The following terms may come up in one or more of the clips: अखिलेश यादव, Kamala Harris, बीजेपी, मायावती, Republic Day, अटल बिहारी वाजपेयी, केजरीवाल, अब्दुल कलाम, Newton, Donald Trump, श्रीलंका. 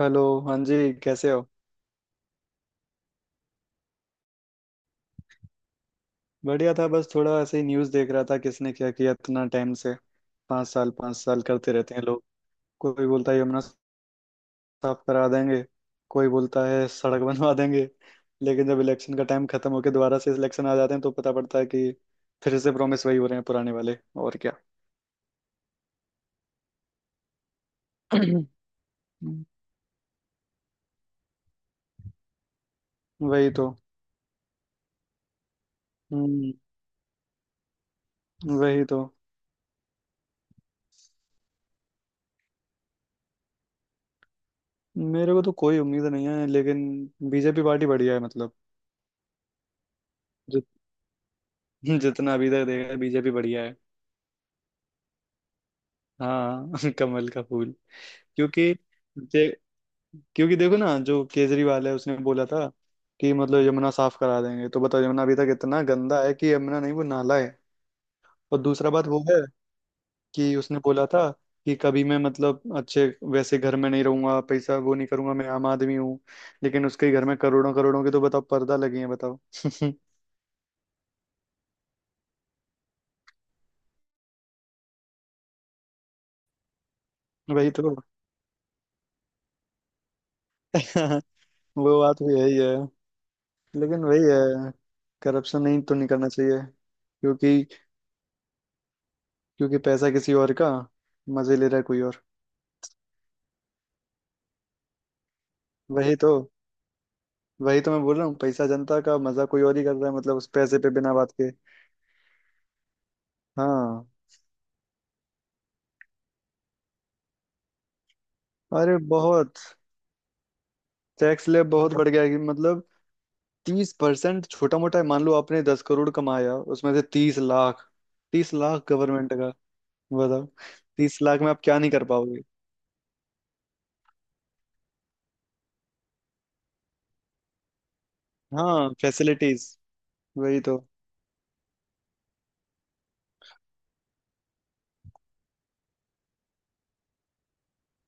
Hello. हाँ जी, कैसे हो? बढ़िया था, बस थोड़ा ऐसे ही न्यूज़ देख रहा था, किसने क्या किया इतना टाइम से। 5 साल 5 साल करते रहते हैं लोग। कोई बोलता है यमुना साफ करा देंगे, कोई बोलता है सड़क बनवा देंगे। लेकिन जब इलेक्शन का टाइम खत्म होकर दोबारा से इलेक्शन आ जाते हैं तो पता पड़ता है कि फिर से प्रॉमिस वही हो रहे हैं, पुराने वाले। और क्या। वही तो। हम्म, वही तो। मेरे को तो कोई उम्मीद नहीं है, लेकिन बीजेपी पार्टी बढ़िया है, मतलब जित- जितना अभी तक देखा है, बीजेपी बढ़िया है। हाँ कमल का फूल। क्योंकि दे, क्योंकि देखो ना, जो केजरीवाल है, उसने बोला था कि मतलब यमुना साफ करा देंगे, तो बताओ यमुना अभी तक इतना गंदा है कि यमुना नहीं वो नाला है। और दूसरा बात वो है कि उसने बोला था कि कभी मैं मतलब अच्छे वैसे घर में नहीं रहूंगा, पैसा वो नहीं करूंगा, मैं आम आदमी हूँ। लेकिन उसके घर में करोड़ों करोड़ों के तो बताओ पर्दा लगे हैं, बताओ। वही तो। वो बात भी है ही है, लेकिन वही है। करप्शन नहीं तो नहीं करना चाहिए। क्योंकि क्योंकि पैसा किसी और का, मजे ले रहा है कोई और। वही तो। वही तो मैं बोल रहा हूँ, पैसा जनता का, मजा कोई और ही कर रहा है मतलब उस पैसे पे बिना बात के। हाँ। अरे बहुत टैक्स ले बहुत बढ़ गया है कि मतलब 30% छोटा मोटा है। मान लो आपने 10 करोड़ कमाया, उसमें से 30 लाख, 30 लाख गवर्नमेंट का। बताओ 30 लाख में आप क्या नहीं कर पाओगे। हाँ फैसिलिटीज। वही तो।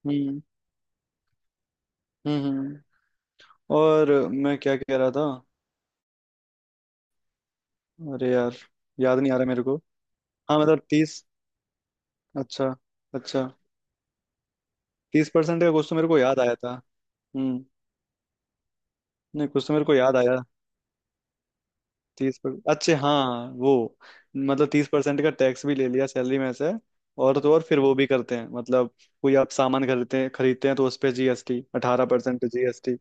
हम्म हम्म हम्म। और मैं क्या कह रहा था? अरे यार, याद नहीं आ रहा मेरे को। हाँ, मतलब 30। अच्छा, अच्छा, 30% का कुछ तो मेरे को याद आया था। हम्म। नहीं, कुछ तो मेरे को याद आया। तीस पर अच्छे, हाँ वो मतलब 30% का टैक्स भी ले लिया सैलरी में से। और तो और फिर वो भी करते हैं, मतलब कोई आप सामान खरीदते हैं तो उस पे जीएसटी, 18% जीएसटी।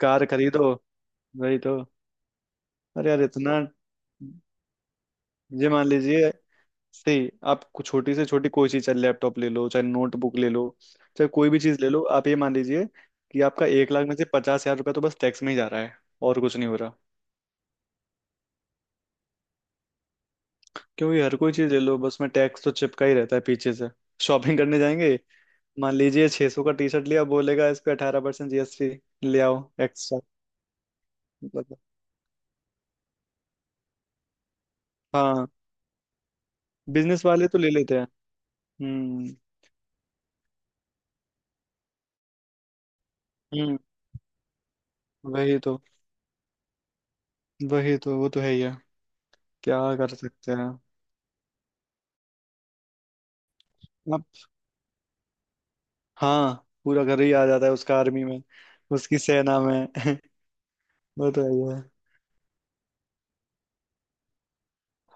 कार खरीदो। वही तो। अरे यार इतना, ये मान लीजिए, सही, आप कुछ छोटी से छोटी कोई चीज, चाहे लैपटॉप ले लो, चाहे नोटबुक ले लो, चाहे कोई भी चीज ले लो, आप ये मान लीजिए कि आपका 1 लाख में से 50 हजार रुपया तो बस टैक्स में ही जा रहा है, और कुछ नहीं हो रहा। क्योंकि हर कोई चीज ले लो, बस में टैक्स तो चिपका ही रहता है पीछे से। शॉपिंग करने जाएंगे, मान लीजिए 600 सौ का टी शर्ट लिया, बोलेगा इस पे 18% जीएसटी, ले आओ एक्स्ट्रा। मतलब हाँ, बिजनेस वाले तो ले लेते हैं। हम्म। हम्म, वही तो। वही तो, वो तो है ही है। क्या कर सकते हैं। हाँ, पूरा घर ही आ जाता है उसका आर्मी में, उसकी सेना में। वो तो है ही है।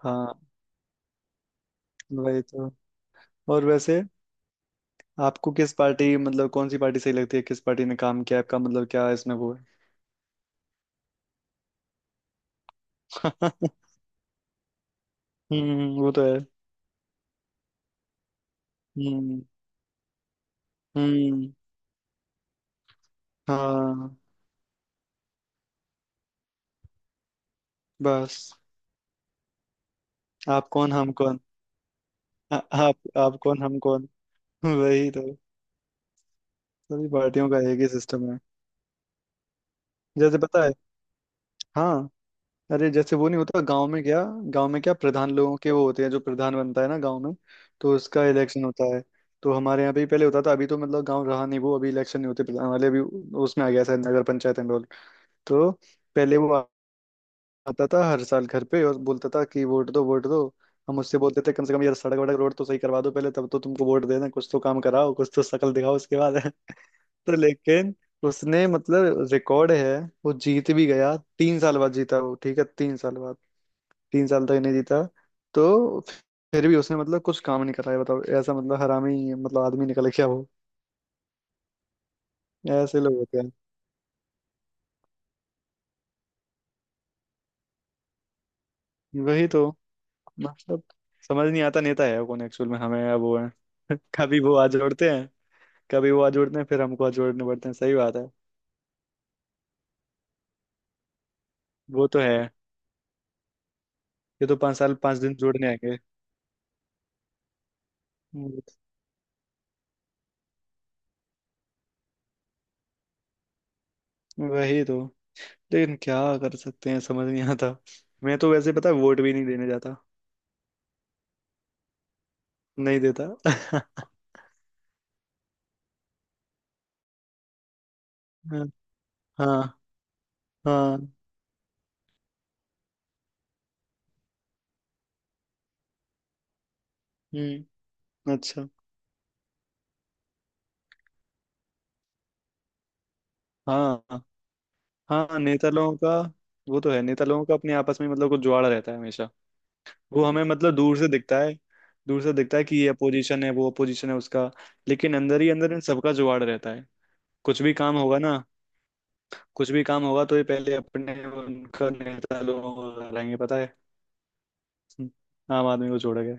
हाँ, वही तो। और वैसे आपको किस पार्टी मतलब कौन सी पार्टी सही लगती है, किस पार्टी ने काम किया आपका, मतलब क्या इसमें वो है? हम्म, वो तो है। हम्म हम्म। हाँ। बस, आप कौन हम कौन। आप कौन हम कौन। वही तो। सभी पार्टियों का एक ही सिस्टम है। जैसे पता है, हाँ, अरे जैसे वो नहीं होता गांव में क्या, गांव में क्या, प्रधान लोगों के वो होते हैं, जो प्रधान बनता है ना गांव में, तो उसका इलेक्शन होता है। तो हमारे यहाँ पे भी पहले होता था, अभी तो मतलब गांव रहा नहीं वो, अभी इलेक्शन नहीं होते प्रधान वाले अभी, उसमें आ गया शायद नगर पंचायत एंड ऑल। तो पहले वो आता था हर साल घर पे और बोलता था कि वोट दो, वोट दो। हम उससे बोलते थे, कम से कम यार सड़क वड़क रोड तो सही करवा दो पहले, तब तो तुमको वोट देना, कुछ तो काम कराओ, कुछ तो शक्ल दिखाओ उसके बाद। तो लेकिन उसने मतलब रिकॉर्ड है, वो जीत भी गया 3 साल बाद जीता वो, ठीक है, 3 साल बाद। तीन साल तक नहीं जीता तो। फिर भी उसने मतलब कुछ काम नहीं करा है, बताओ ऐसा मतलब हरामी मतलब आदमी निकल क्या वो। ऐसे लोग होते हैं। वही तो मतलब, समझ नहीं आता नेता है कौन एक्चुअल में, हमें या वो है। कभी वो आज जोड़ते हैं, कभी वो आज जोड़ते हैं, फिर हमको आज जोड़ने पड़ते हैं। सही बात है। वो तो है, ये तो 5 साल 5 दिन जोड़ने आएंगे। हम्म, वही तो। लेकिन क्या कर सकते हैं, समझ नहीं आता। मैं तो वैसे पता है, वोट भी नहीं देने जाता। नहीं देता। हाँ। हाँ। हाँ, हम्म। अच्छा। हाँ, हाँ नेता लोगों का। वो तो है, नेता लोगों का अपने आपस में मतलब कुछ जुआड़ा रहता है हमेशा। वो हमें मतलब दूर से दिखता है, दूर से दिखता है कि ये अपोजिशन है, वो अपोजिशन है उसका। लेकिन अंदर ही अंदर इन सबका जुआड़ रहता है। कुछ भी काम होगा ना, कुछ भी काम होगा तो ये पहले अपने उनका नेता लोगों को लड़ाएंगे, पता है। हम्म, आम आदमी को छोड़ के।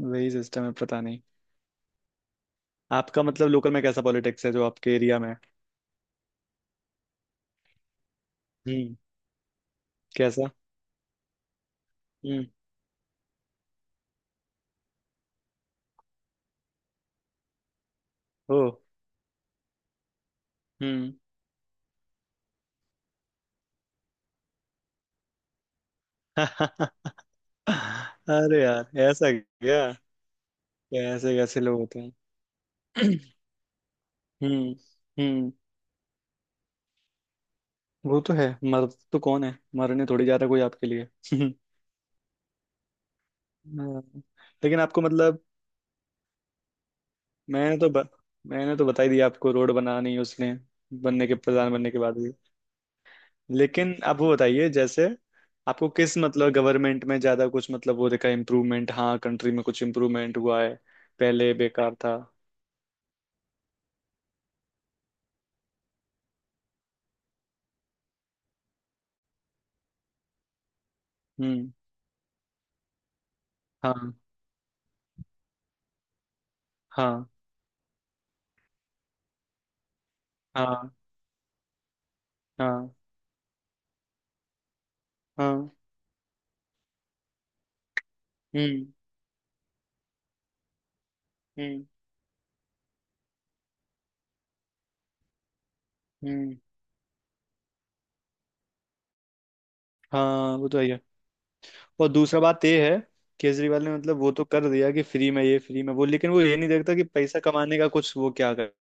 वही सिस्टम है, पता नहीं। आपका मतलब लोकल में कैसा पॉलिटिक्स है, जो आपके एरिया में है? हम्म। कैसा? हम्म। ओ। हम्म। अरे यार, ऐसा क्या, कैसे कैसे लोग होते हैं। हम्म। हम्म, वो तो है। मर तो कौन है मरने थोड़ी जा रहा कोई आपके लिए। हाँ। लेकिन आपको मतलब, मैंने तो ब, मैंने तो बता ही दिया आपको, रोड बनानी उसने बनने के, प्रधान बनने के बाद भी। लेकिन आप वो बताइए जैसे आपको किस मतलब गवर्नमेंट में ज्यादा कुछ मतलब वो देखा इम्प्रूवमेंट, हाँ, कंट्री में कुछ इम्प्रूवमेंट हुआ है, पहले बेकार था। हम्म। हाँ हाँ हाँ हाँ हाँ। हम्म हम्म हम्म। हाँ, वो तो है। और दूसरा बात ये है, केजरीवाल ने मतलब वो तो कर दिया कि फ्री में ये, फ्री में वो, लेकिन वो ये नहीं देखता कि पैसा कमाने का कुछ वो क्या कर।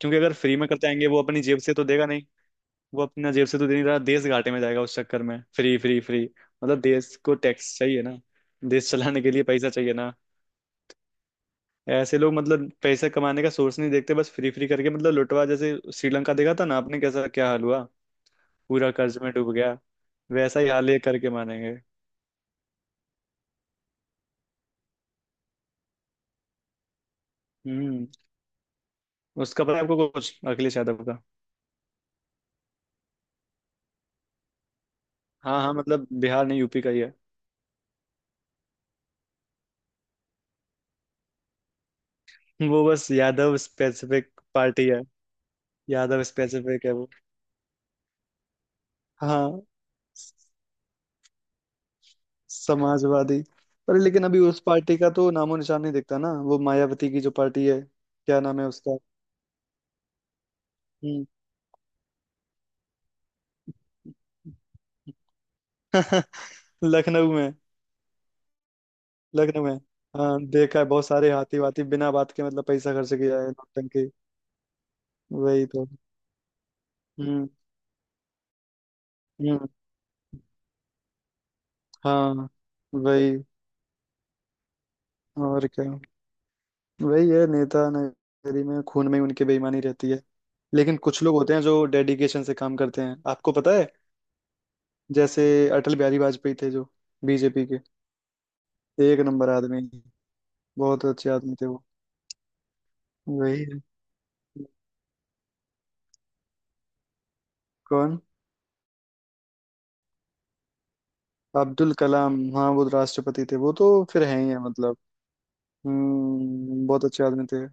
क्योंकि अगर फ्री में करते आएंगे, वो अपनी जेब से तो देगा नहीं, वो अपना जेब से तो दे नहीं रहा, देश घाटे में जाएगा उस चक्कर में, फ्री फ्री फ्री। मतलब देश को टैक्स चाहिए ना, देश चलाने के लिए पैसा चाहिए ना। ऐसे लोग मतलब पैसा कमाने का सोर्स नहीं देखते, बस फ्री फ्री करके मतलब लुटवा, जैसे श्रीलंका देखा था ना आपने कैसा क्या हाल हुआ, पूरा कर्ज में डूब गया। वैसा ही हाल ये करके मानेंगे। हम्म। उसका पता है आपको कुछ, अखिलेश यादव, हाँ हाँ मतलब बिहार नहीं यूपी का ही है। वो बस यादव स्पेसिफिक पार्टी है। यादव स्पेसिफिक है वो। हाँ। स- समाजवादी। पर लेकिन अभी उस पार्टी का तो नामो निशान नहीं दिखता ना, वो मायावती की जो पार्टी है, क्या नाम है उसका। हम्म। लखनऊ में। लखनऊ में, हाँ देखा है बहुत सारे हाथी वाथी बिना बात के मतलब पैसा खर्च किया है, नौटंकी। वही तो। हम्म। हम्म। हाँ। वही और क्या, वही है, नेता नगरी में खून में ही उनकी बेईमानी रहती है। लेकिन कुछ लोग होते हैं जो डेडिकेशन से काम करते हैं, आपको पता है, जैसे अटल बिहारी वाजपेयी थे, जो बीजेपी के एक नंबर आदमी, बहुत अच्छे आदमी थे वो। वही है। कौन? अब्दुल कलाम, हाँ वो राष्ट्रपति थे, वो तो फिर हैं ही है मतलब। हम्म, बहुत अच्छे आदमी थे।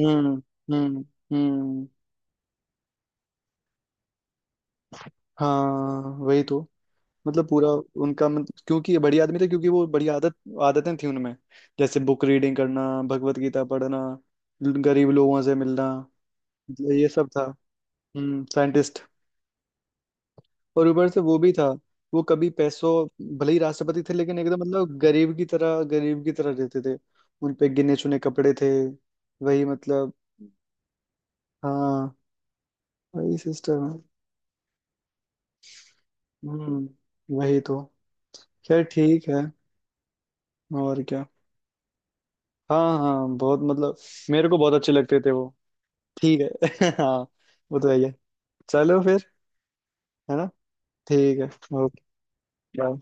हम्म हम्म हम्म। हाँ वही तो, मतलब पूरा उनका मतलब, क्योंकि ये बढ़िया आदमी थे, क्योंकि वो बढ़िया आदत, आदतें थी उनमें, जैसे बुक रीडिंग करना, भगवत गीता पढ़ना, गरीब लोगों से मिलना, मतलब ये सब था। हम्म, साइंटिस्ट। और ऊपर से वो भी था। वो कभी पैसों, भले ही राष्ट्रपति थे लेकिन एकदम मतलब गरीब की तरह, गरीब की तरह रहते थे। उन पे गिने चुने कपड़े थे। वही मतलब। हाँ, वही सिस्टम है। हम्म, वही तो। खैर, ठीक है। और क्या। हाँ हाँ, बहुत मतलब, मेरे को बहुत अच्छे लगते थे वो। ठीक है। हाँ। वो तो है ही है। चलो फिर। है ना। ठीक है। ओके। बाय।